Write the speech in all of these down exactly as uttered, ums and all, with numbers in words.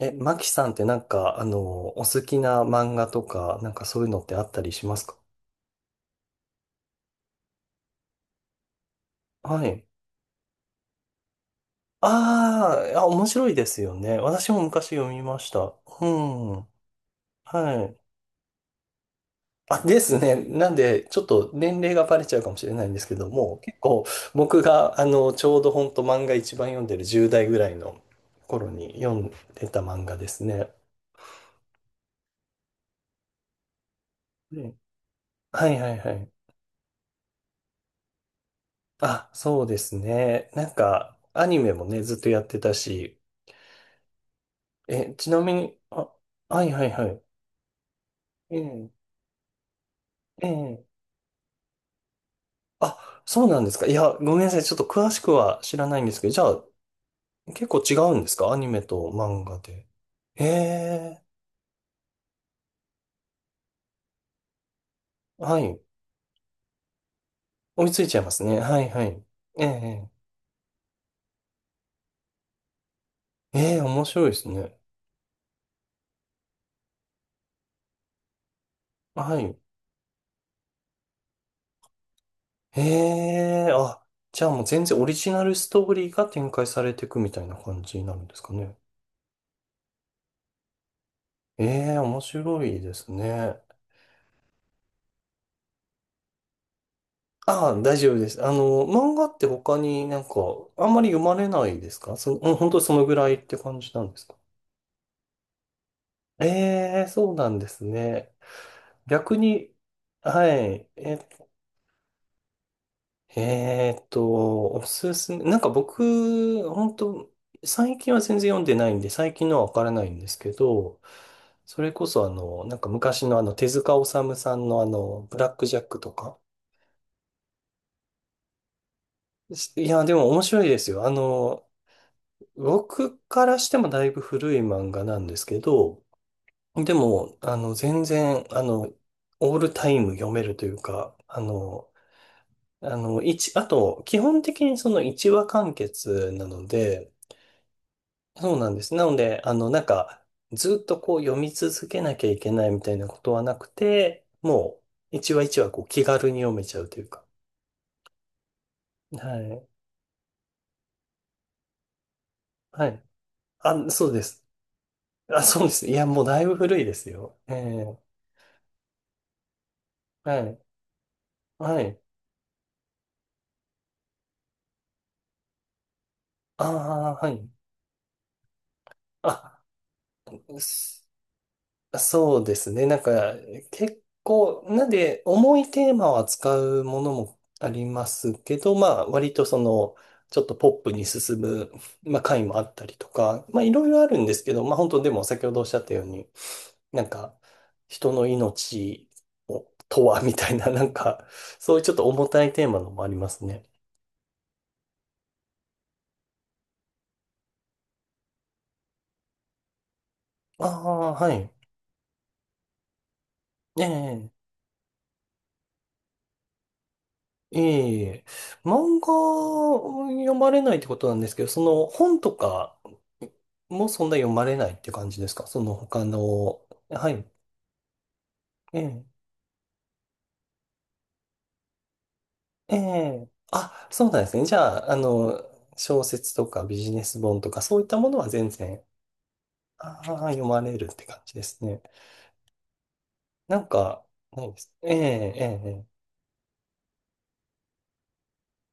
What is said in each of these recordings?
え、マキさんってなんか、あの、お好きな漫画とか、なんかそういうのってあったりしますか？はい。あーあ、面白いですよね。私も昔読みました。うん。はい。あ、ですね。なんで、ちょっと年齢がバレちゃうかもしれないんですけども、結構僕が、あの、ちょうど本当漫画一番読んでるじゅう代ぐらいの頃に読んでた漫画ですね。ねはいはいはい。あ、そうですね。なんか、アニメもね、ずっとやってたし、え、ちなみに、あ、はいはいはい。ええ、ええ。あ、そうなんですか。いや、ごめんなさい。ちょっと詳しくは知らないんですけど、じゃあ、結構違うんですか？アニメと漫画で。ええ、はい。追いついちゃいますね。はいはい。ええ、ええ、面白いですね。はい。ええ、あ、じゃあもう全然オリジナルストーリーが展開されていくみたいな感じになるんですかね。ええ、面白いですね。ああ、大丈夫です。あの、漫画って他になんか、あんまり読まれないですか？そ、うん本当にそのぐらいって感じなんですか？ええ、そうなんですね。逆に、はい。え、えーっと、おすすめ。なんか僕、本当最近は全然読んでないんで、最近のはわからないんですけど、それこそあの、なんか昔のあの、手塚治虫さんのあの、ブラックジャックとか。しいや、でも面白いですよ。あの、僕からしてもだいぶ古い漫画なんですけど、でも、あの、全然、あの、オールタイム読めるというか、あの、あの、一、あと、基本的にその一話完結なので、そうなんです。なので、あの、なんか、ずっとこう読み続けなきゃいけないみたいなことはなくて、もう、一話一話こう気軽に読めちゃうというか。はい。はい。あ、そうです。あ、そうです。いや、もうだいぶ古いですよ。ええはい。はい。ああ、はい。あ、すそうですね。なんか、結構、なんで、重いテーマを扱うものもありますけど、まあ、割とその、ちょっとポップに進む、まあ、回もあったりとか、まあ、いろいろあるんですけど、まあ、本当でも、先ほどおっしゃったように、なんか、人の命をとは、みたいな、なんか、そういうちょっと重たいテーマのもありますね。ああ、はい。ええええ、漫画を読まれないってことなんですけど、その本とかもそんな読まれないって感じですか？その他の、はい。ええ、ええ、あ、そうなんですね。じゃあ、あの、小説とかビジネス本とかそういったものは全然、ああ、読まれるって感じですね。なんか、ないです。ええ、ええ、ええ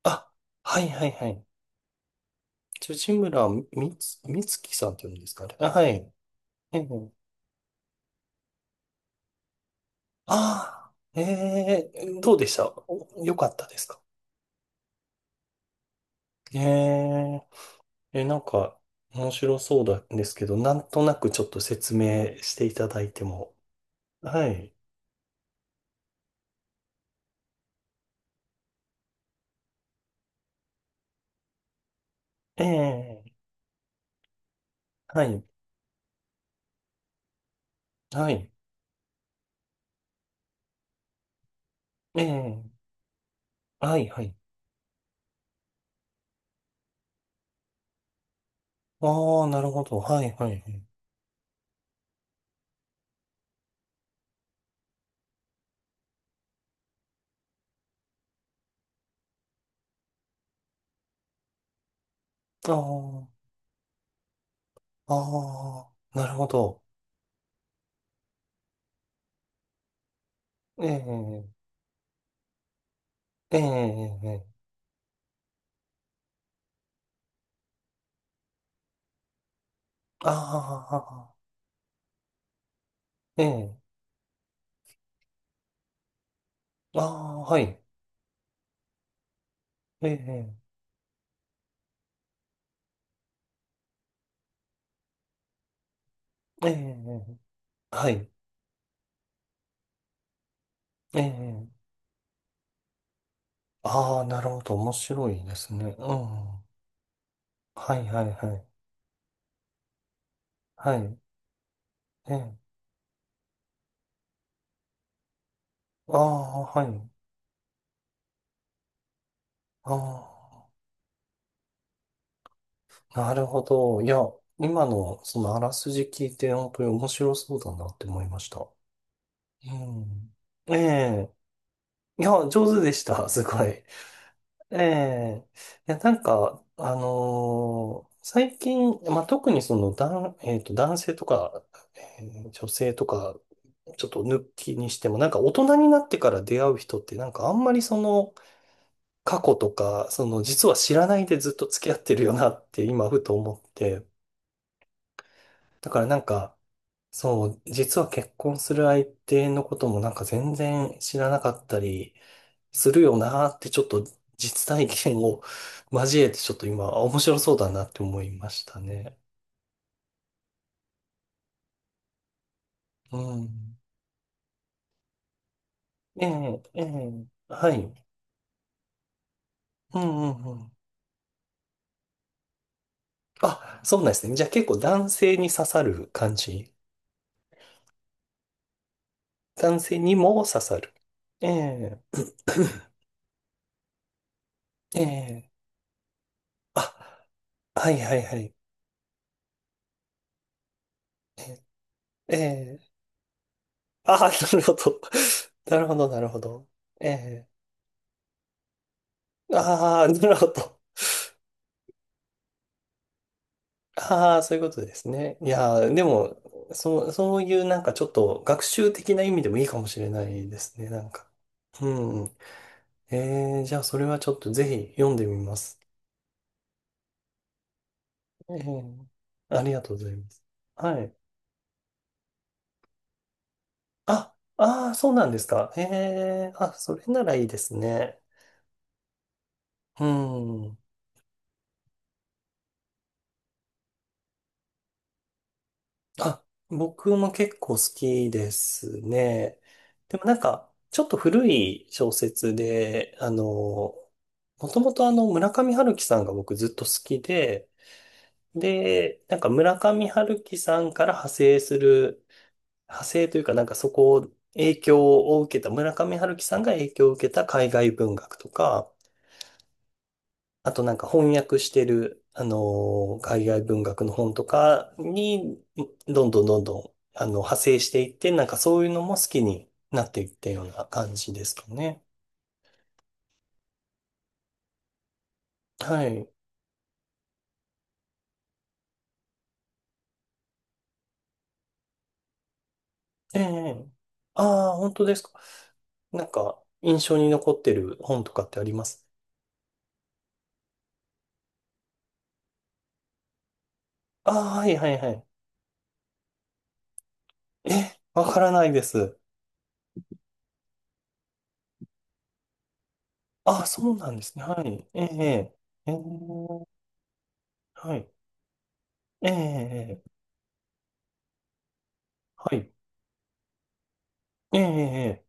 あ、はいはいはい。辻村みつ、みつきさんって言うんですかね。あ、はい。ええああ、ええ、どうでした？およかったですか？ええ、え、なんか、面白そうなんですけど、なんとなくちょっと説明していただいても。はい。ええ、はい、はい、ええ、はい、はい。ああ、なるほど。はい、はい、はい。ああ、ああ、なるほど。ええ、ええ、ええ、ああ、ええ、ああ、はい。ええ、ええ、はい。ええああ、なるほど。面白いですね。うん。はいはいはい。はい。えああ、はい。ああ、なるほど。いや、今のそのあらすじ聞いて、本当に面白そうだなって思いました。うん。ええ。いや、上手でした。すごい。ええ、いや、なんか、あのー最近、まあ、特にその、男えっと、男性とか、えー女性とか、ちょっと抜きにしても、なんか大人になってから出会う人って、なんかあんまりその、過去とか、その、実は知らないでずっと付き合ってるよなって今、ふと思って、だからなんか、そう、実は結婚する相手のこともなんか全然知らなかったり、するよなーってちょっと実体験を交えてちょっと今面白そうだなって思いましたね。うん。ええ、ええ、はい。うんうんうん。あ、そうなんですね。じゃあ結構男性に刺さる感じ。男性にも刺さる。ええ、ええ。あ、はいはいはい。ええ。ああ、なるほど。なるほど、なるほど。ええ。ああ、なるほど。ああ、そういうことですね。いやー、でも、そう、そういうなんかちょっと学習的な意味でもいいかもしれないですね、なんか。うん。えー、じゃあそれはちょっとぜひ読んでみます。えー、ありがとうございます。はい。あ、ああ、そうなんですか。えー、あ、それならいいですね。うん。あ、僕も結構好きですね。でもなんか、ちょっと古い小説で、あの、もともとあの、村上春樹さんが僕ずっと好きで、で、なんか村上春樹さんから派生する、派生というかなんかそこを影響を受けた、村上春樹さんが影響を受けた海外文学とか、あとなんか翻訳してる、あのー海外文学の本とかに、どんどんどんどん、あの、派生していって、なんかそういうのも好きになっていったような感じですかね。はい。ええ。ああ、本当ですか。なんか、印象に残ってる本とかってあります？ああ、はいはいはい。え、わからないです。ああ、そうなんですね。はい。ええ、ええ、ええはい。ええ、ええはい。ええ、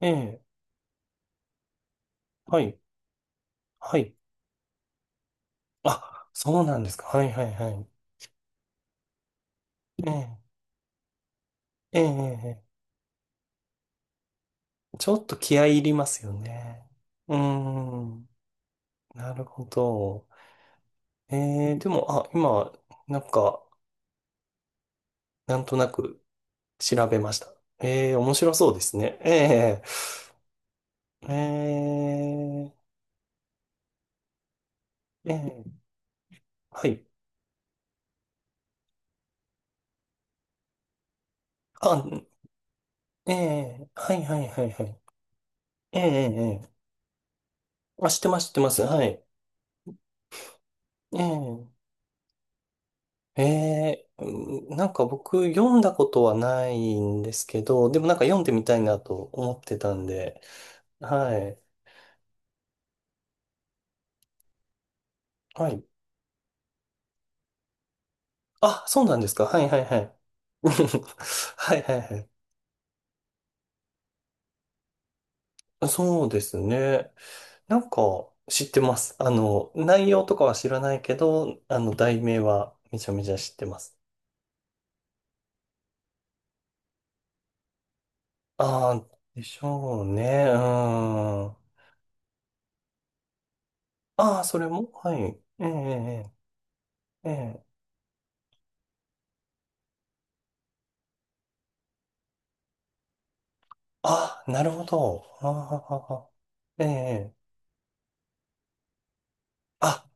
ええ、ええはい。はい。あ、そうなんですか。はいはいはい。ええ、ええ、ええ。ちょっと気合い入りますよね。うーん、なるほど。ええ、でも、あ、今、なんか、なんとなく調べました。ええ、面白そうですね。ええ、ええ、ええ、はい。あ、ええ、はいはいはいはい。ええ、ええ、えーあ、知ってます、知ってます。はい。えーええ、うんなんか僕読んだことはないんですけど、でもなんか読んでみたいなと思ってたんで、はい。はい。あ、そうなんですか。はいはいはい。はいはいはい。そうですね。なんか知ってます。あの、内容とかは知らないけど、あの、題名はめちゃめちゃ知ってます。ああ、でしょうね。うん。ああ、それもはい。ええええええ。ああ、なるほど。ああええ。あ、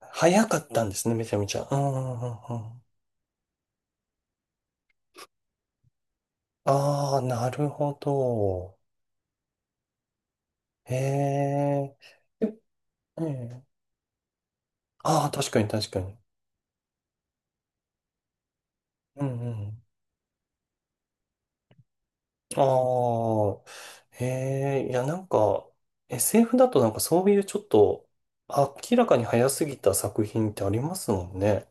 早かったんですね、めちゃめちゃ。うん、うん、うん。うんああ、なるほど。へえ。えええ。ああ、確かに確かに。うん、うん。ああ、へえ。いや、なんか、エスエフ だとなんかそういうちょっと、明らかに早すぎた作品ってありますもんね。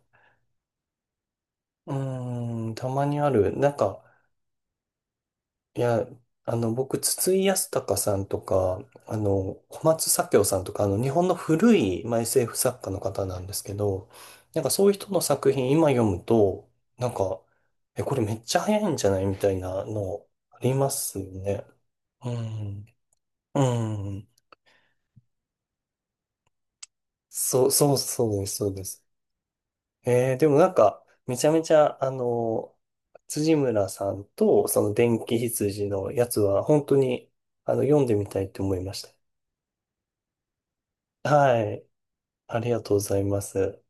うーん、たまにある。なんか、いや、あの、僕、筒井康隆さんとか、あの、小松左京さんとか、あの、日本の古い、まあ、エスエフ 作家の方なんですけど、なんかそういう人の作品今読むと、なんか、え、これめっちゃ早いんじゃないみたいなのありますよね。うん。うん。そう、そう、そうです、そうです。えー、でもなんか、めちゃめちゃ、あの、辻村さんと、その電気羊のやつは、本当に、あの、読んでみたいと思いました。はい。ありがとうございます。